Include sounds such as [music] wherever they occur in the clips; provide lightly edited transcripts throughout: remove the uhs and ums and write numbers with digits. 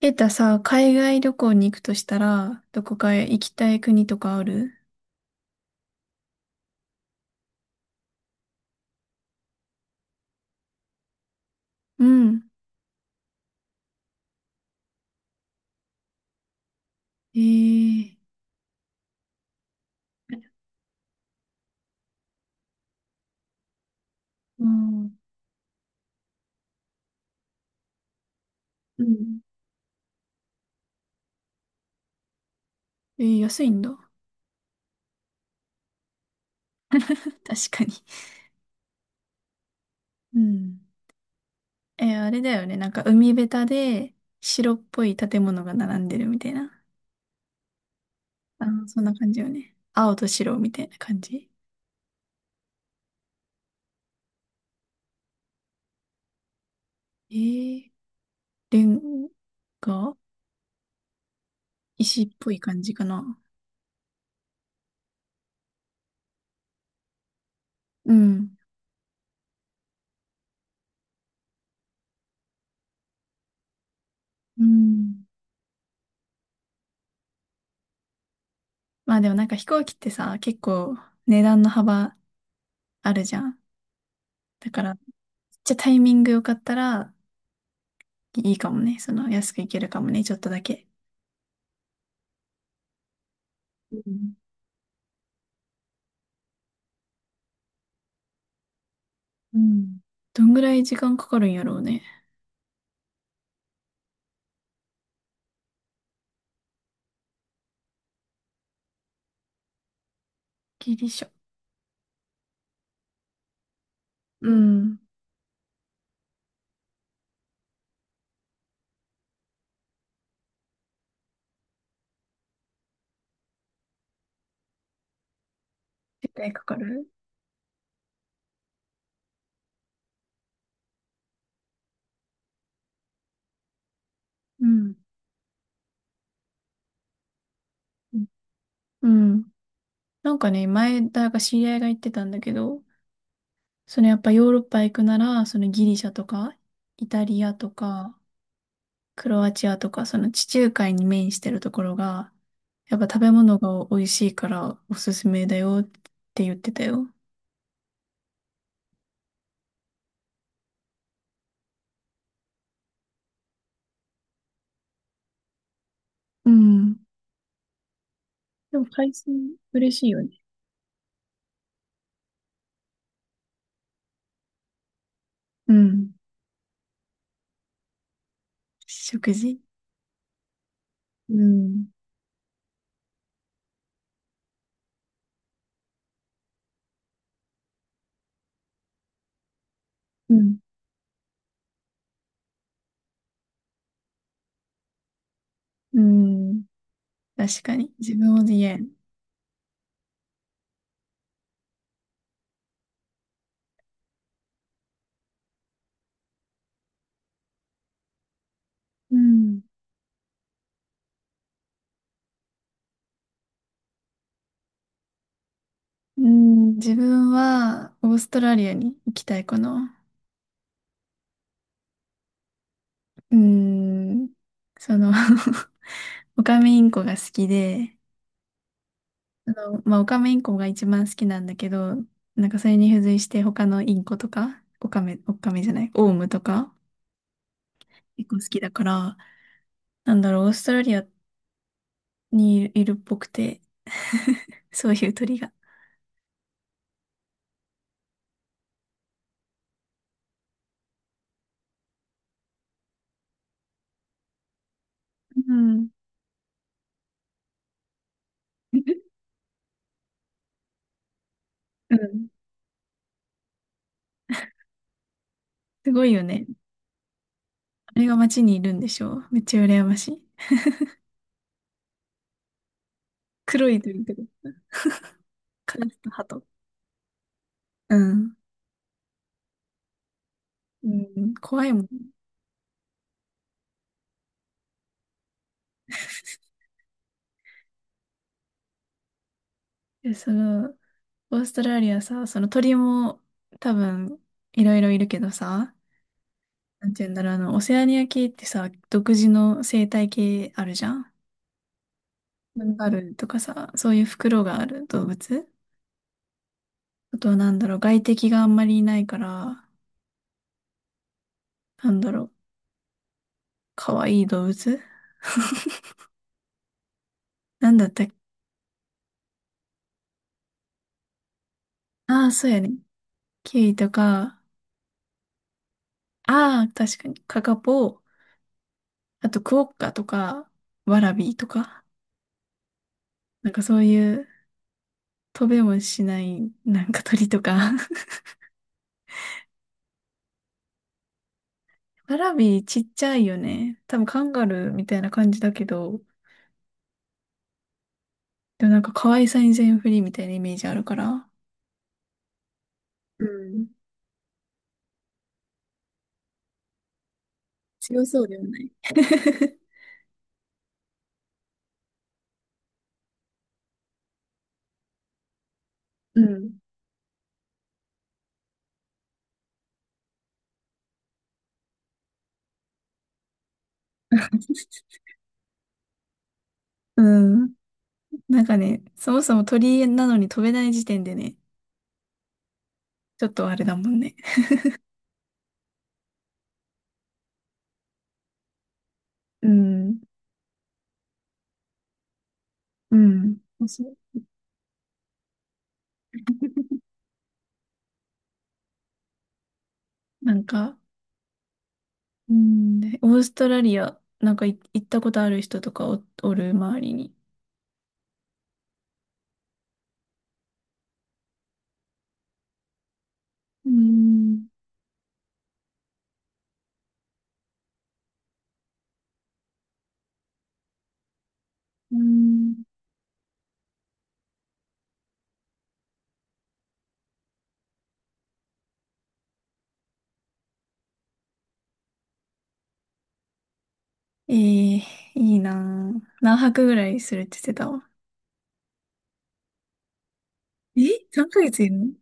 ケータさ、海外旅行に行くとしたら、どこか行きたい国とかある？うん。ええ、うん。うん。えー、安いんだ。[laughs] 確かに。うん。えー、あれだよね。なんか海べたで白っぽい建物が並んでるみたいな。あの、そんな感じよね。青と白みたいな感じ。えー、レンガ、石っぽい感じかな。うん。うん。まあでもなんか飛行機ってさ、結構値段の幅あるじゃん。だから、めっちゃタイミングよかったらいいかもね。その安くいけるかもね、ちょっとだけ。うん。うん、どんぐらい時間かかるんやろうね。ギリシャ。うん。絶対かかる。うん。うん、うん。なんかね、前、だから知り合いが言ってたんだけど、そのやっぱヨーロッパ行くなら、そのギリシャとか、イタリアとか、クロアチアとか、その地中海に面してるところが、やっぱ食べ物が美味しいからおすすめだよって言ってたよ。うん。でも海鮮嬉しいよね。うん。食事、うん。うん。うん。確かに。自分も言えん。うん。うん。自分は、オーストラリアに行きたいかな。うん。その [laughs] オカメインコ [laughs] が好きで、あの、まあ、オカメインコが一番好きなんだけど、なんかそれに付随して他のインコとか、オカメ、オカメじゃない、オウムとか、結構好きだから、なんだろう、オーストラリアにいるっぽくて、[laughs] そういう鳥が。うん。うん。すごいよね。あれが街にいるんでしょう。めっちゃ羨ましい。黒い鳥とか、カラスとハト、うん。うん。怖いもん。でその、オーストラリアさ、その鳥も多分いろいろいるけどさ、なんて言うんだろう、あの、オセアニア系ってさ、独自の生態系あるじゃん。なんかあるとかさ、そういう袋がある動物。あとはなんだろう、外敵があんまりいないから、なんだろう、かわいい動物なんだったっけ？ああー、そうやね。キウイとか、ああ、確かに、カカポ、あとクオッカとか、ワラビーとか、なんかそういう飛べもしない、なんか鳥とか。[laughs] ワラビーちっちゃいよね。多分カンガルーみたいな感じだけど、でもなんか可愛さに全振りみたいなイメージあるから、うん。強そうではない。[laughs] うん。[laughs] うん。なんかね、そもそも鳥なのに飛べない時点でね、ちょっとあれだもんね。うん。うん。そうなんか、うん、オーストラリア、なんかい行ったことある人とかお、おる周りに。うん。うん、えー、いいなぁ。何泊ぐらいするって言ってたわ？え？ 3 ヶ月いるの？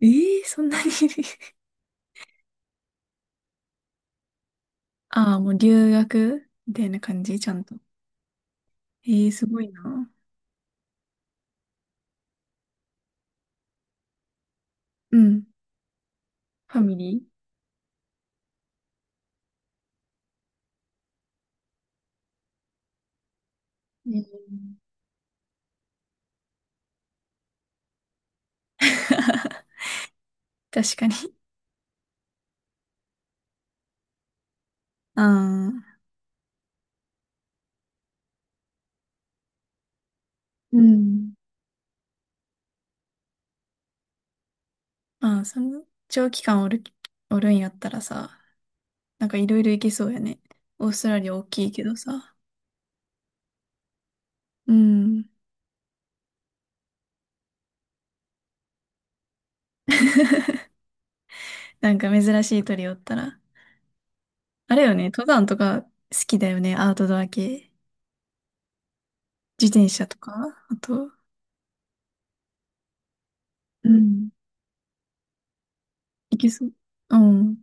えー、そんなに。 [laughs] ああ、もう留学みたいな感じ、ちゃんと。えー、すごいなぁ。うん。ファミリー、うん。 [laughs] 確かに。ああ。うん、ああ、その長期間おる、おるんやったらさ、なんかいろいろ行けそうやね。オーストラリア大きいけどさ。うん。[laughs] なんか珍しい鳥おったら。あれよね、登山とか好きだよね、アウトドア系。自転車とか、あと、うん。行けそう。うん。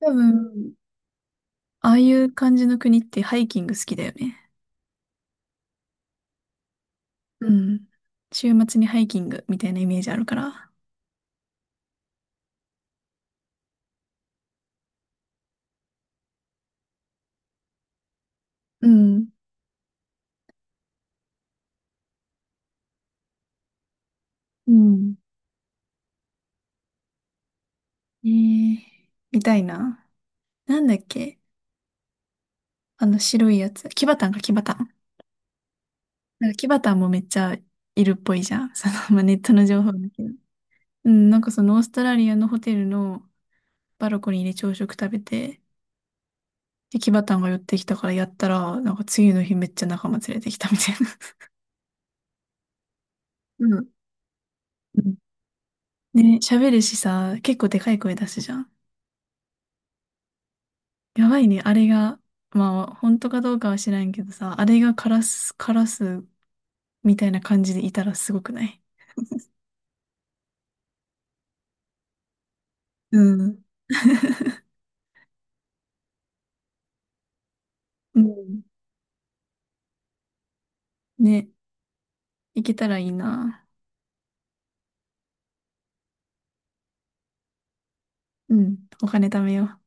多分、ああいう感じの国ってハイキング好きだよね。うん。週末にハイキングみたいなイメージあるから。うん。うん。ええみたいな。なんだっけ？あの白いやつ。キバタンか、キバタン。なんかキバタンもめっちゃいるっぽいじゃん。その、[laughs] まあ、ネットの情報だけど。うん、なんかそのオーストラリアのホテルのバルコニーで朝食食べて、で、キバタンが寄ってきたからやったら、なんか次の日めっちゃ仲間連れてきたみたいな。[laughs] うん。うん、ね、喋るしさ、結構でかい声出すじゃん。やばいね、あれが。まあ、本当かどうかは知らんけどさ、あれがカラス、カラスみたいな感じでいたらすごくない？うん。うん、ね、いけたらいいな。うん、お金貯めよう。